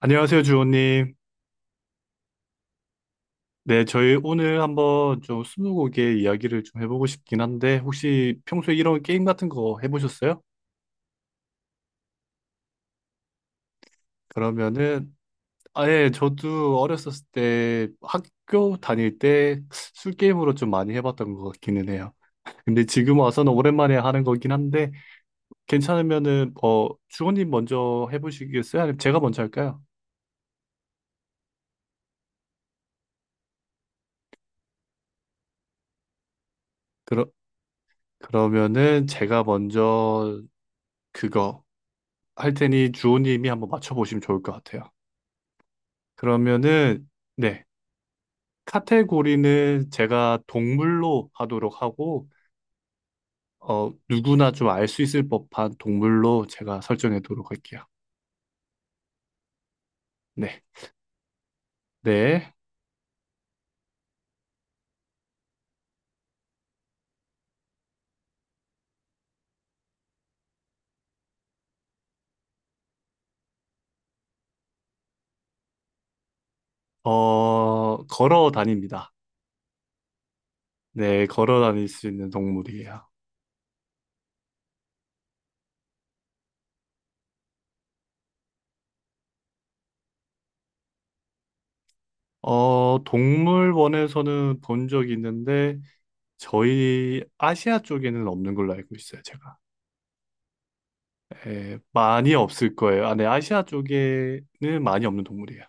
안녕하세요, 주호님. 네, 저희 오늘 한번 좀 스무고개 이야기를 좀 해보고 싶긴 한데, 혹시 평소에 이런 게임 같은 거 해보셨어요? 그러면은, 아예 저도 어렸었을 때 학교 다닐 때 술게임으로 좀 많이 해봤던 것 같기는 해요. 근데 지금 와서는 오랜만에 하는 거긴 한데, 괜찮으면은, 주호님 먼저 해보시겠어요? 아니면 제가 먼저 할까요? 그러, 그러면은 제가 먼저 그거 할 테니 주호님이 한번 맞춰보시면 좋을 것 같아요. 그러면은 네. 카테고리는 제가 동물로 하도록 하고 누구나 좀 알 수 있을 법한 동물로 제가 설정해도록 할게요. 네. 네. 걸어 다닙니다. 네, 걸어 다닐 수 있는 동물이에요. 동물원에서는 본 적이 있는데 저희 아시아 쪽에는 없는 걸로 알고 있어요, 제가. 예, 많이 없을 거예요. 아, 네, 아시아 쪽에는 많이 없는 동물이에요.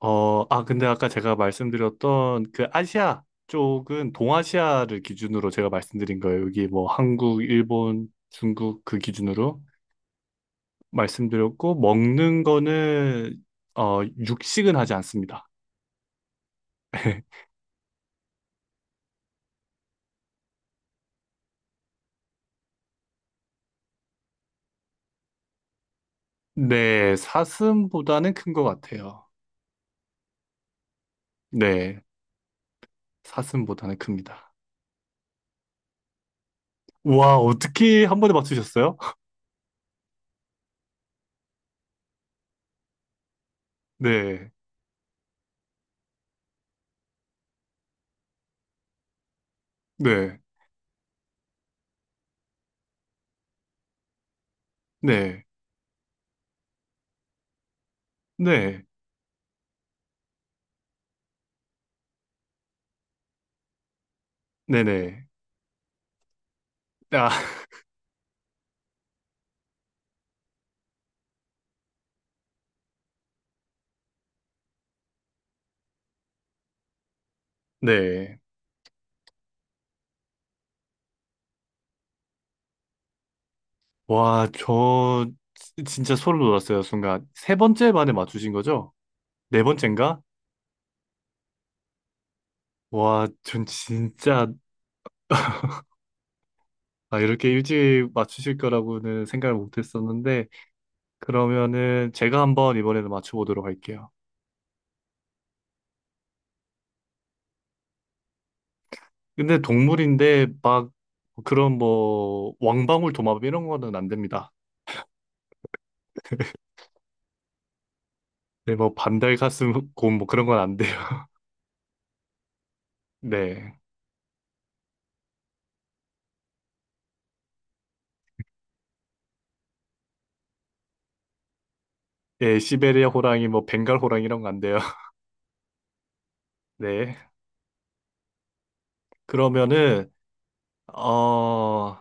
아, 근데 아까 제가 말씀드렸던 그 아시아 쪽은 동아시아를 기준으로 제가 말씀드린 거예요. 여기 뭐 한국, 일본, 중국 그 기준으로 말씀드렸고, 먹는 거는, 육식은 하지 않습니다. 네, 사슴보다는 큰 것 같아요. 네, 사슴보다는 큽니다. 와, 어떻게 한 번에 맞추셨어요? 네, 네, 네, 네, 네네. 아, 네. 와, 저 진짜 소름 돋았어요, 순간. 세 번째 만에 맞추신 거죠? 네 번째인가? 와, 전 진짜 아, 이렇게 일찍 맞추실 거라고는 생각을 못 했었는데 그러면은 제가 한번 이번에는 맞춰보도록 할게요. 근데 동물인데 막 그런 뭐 왕방울 도마뱀 이런 거는 안 됩니다. 네, 뭐 반달 가슴곰 뭐 그런 건 안 돼요. 네. 예, 시베리아 호랑이 뭐 벵갈 호랑이 이런 거 안 돼요. 네. 그러면은 어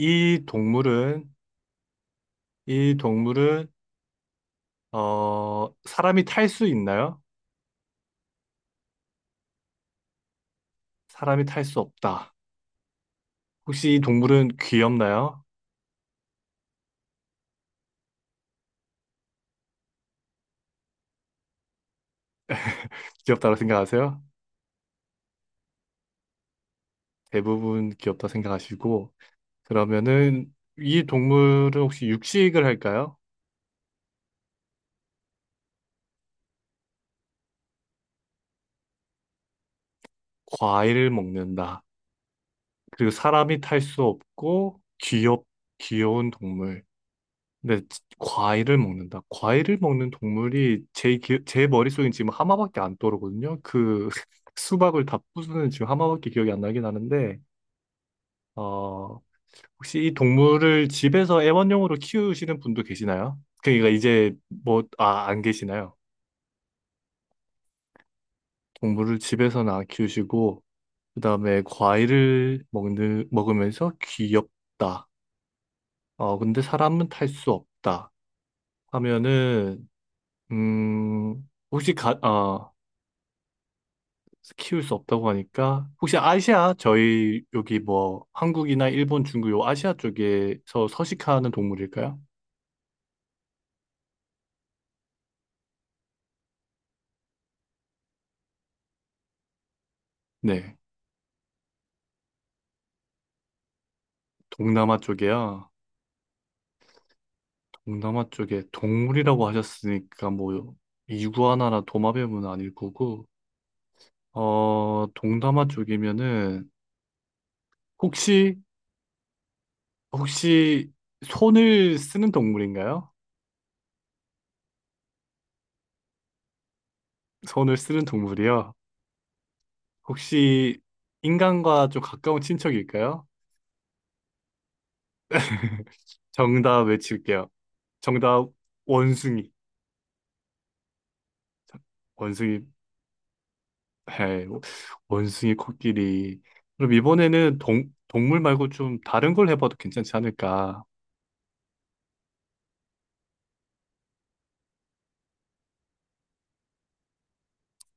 이 동물은, 이 동물은, 어, 사람이 탈 수 있나요? 사람이 탈 수 없다. 혹시 이 동물은 귀엽나요? 귀엽다고 생각하세요? 대부분 귀엽다 생각하시고, 그러면은 이 동물은 혹시 육식을 할까요? 과일을 먹는다. 그리고 사람이 탈 수 없고, 귀엽, 귀여운 동물. 근데 과일을 먹는다. 과일을 먹는 동물이 제 머릿속엔 지금 하마밖에 안 떠오르거든요. 그 수박을 다 부수는 지금 하마밖에 기억이 안 나긴 하는데, 어, 혹시 이 동물을 집에서 애완용으로 키우시는 분도 계시나요? 그러니까 이제 뭐, 아, 안 계시나요? 동물을 집에서는 안 키우시고, 그 다음에 과일을 먹는, 먹으면서 귀엽다. 어, 근데 사람은 탈 수 없다. 하면은, 혹시 키울 수 없다고 하니까 혹시 아시아 저희 여기 뭐 한국이나 일본, 중국 요 아시아 쪽에서 서식하는 동물일까요? 네, 동남아 쪽이야. 동남아 쪽에 동물이라고 하셨으니까 뭐 이구아나나 도마뱀은 아닐 거고 동남아 쪽이면은 혹시 혹시 손을 쓰는 동물인가요? 손을 쓰는 동물이요. 혹시 인간과 좀 가까운 친척일까요? 정답 외칠게요. 정답 원숭이. 원숭이 해. 원숭이 코끼리. 그럼 이번에는 동물 말고 좀 다른 걸 해봐도 괜찮지 않을까?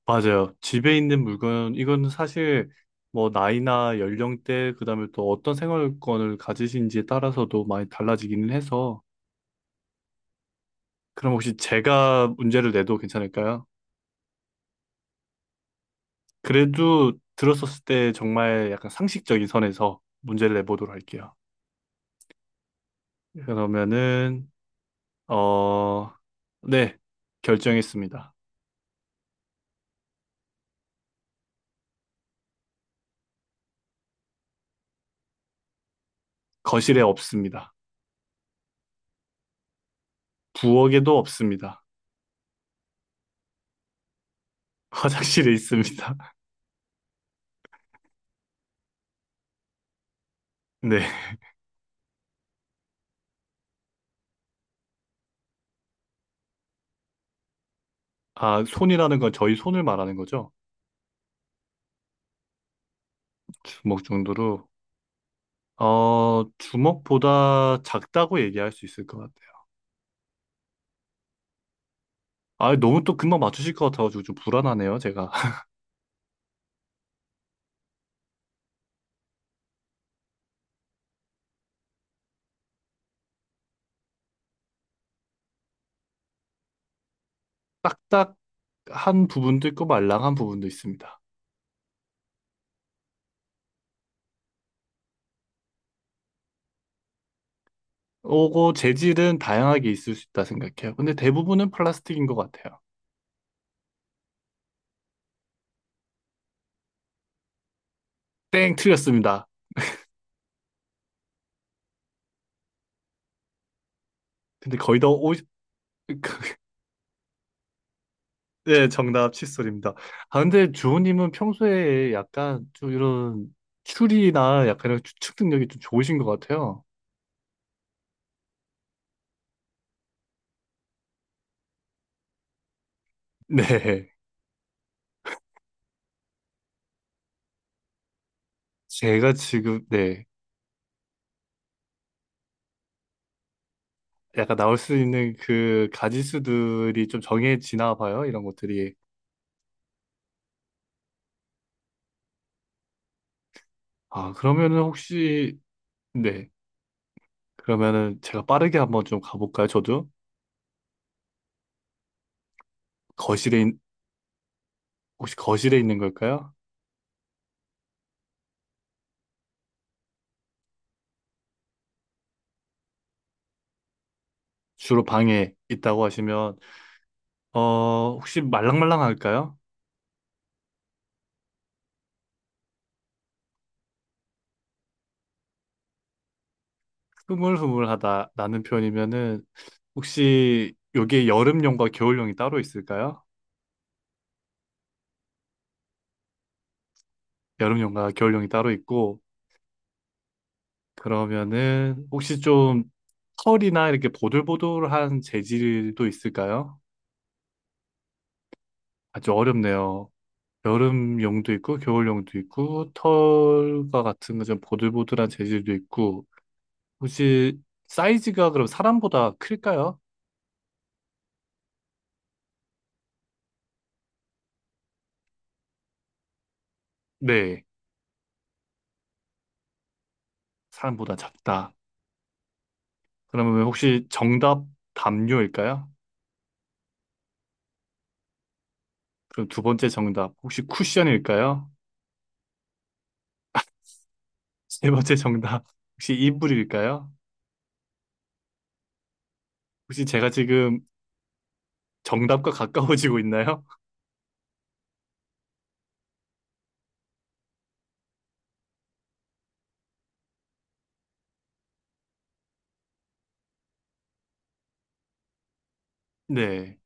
맞아요. 집에 있는 물건 이건 사실 뭐 나이나 연령대 그다음에 또 어떤 생활권을 가지신지에 따라서도 많이 달라지기는 해서 그럼 혹시 제가 문제를 내도 괜찮을까요? 그래도 들었었을 때 정말 약간 상식적인 선에서 문제를 내보도록 할게요. 그러면은 어, 네, 결정했습니다. 거실에 없습니다. 부엌에도 없습니다. 화장실에 있습니다. 네. 아, 손이라는 건 저희 손을 말하는 거죠? 주먹 정도로. 어, 주먹보다 작다고 얘기할 수 있을 것 같아요. 아, 너무 또 금방 맞추실 것 같아가지고 좀 불안하네요, 제가. 딱딱한 부분도 있고 말랑한 부분도 있습니다. 오고 재질은 다양하게 있을 수 있다 생각해요. 근데 대부분은 플라스틱인 것 같아요. 땡, 틀렸습니다. 근데 거의 다 오, 네, 정답 칫솔입니다. 아, 근데 주호님은 평소에 약간 좀 이런 추리나 약간 이런 추측 능력이 좀 좋으신 것 같아요. 네. 제가 지금, 네. 약간 나올 수 있는 그 가지수들이 좀 정해지나 봐요. 이런 것들이. 아, 그러면은 혹시, 네. 그러면은 제가 빠르게 한번 좀 가볼까요? 저도? 거실에, 혹시 거실에 있는 걸까요? 주로 방에 있다고 하시면, 어, 혹시 말랑말랑할까요? 흐물흐물하다 라는 표현이면은 혹시 여기에 여름용과 겨울용이 따로 있을까요? 여름용과 겨울용이 따로 있고, 그러면은 혹시 좀 털이나 이렇게 보들보들한 재질도 있을까요? 아주 어렵네요. 여름용도 있고, 겨울용도 있고, 털과 같은 거 좀 보들보들한 재질도 있고, 혹시 사이즈가 그럼 사람보다 클까요? 네, 사람보다 작다. 그러면 혹시 정답 담요일까요? 그럼 두 번째 정답, 혹시 쿠션일까요? 세 번째 정답. 혹시 이불일까요? 혹시 제가 지금 정답과 가까워지고 있나요? 네.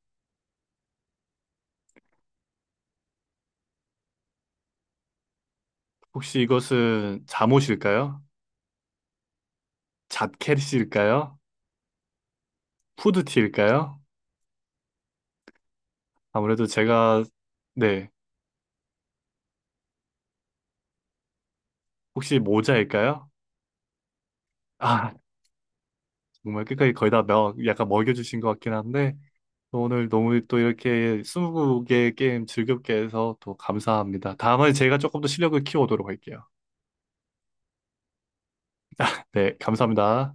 혹시 이것은 잠옷일까요? 자켓일까요? 후드티일까요? 아무래도 제가, 네. 혹시 모자일까요? 아, 정말 끝까지 거의 다 명, 약간 먹여주신 것 같긴 한데, 또 오늘 너무 또 이렇게 20개의 게임 즐겁게 해서 또 감사합니다. 다음에 제가 조금 더 실력을 키워오도록 할게요. 네, 감사합니다.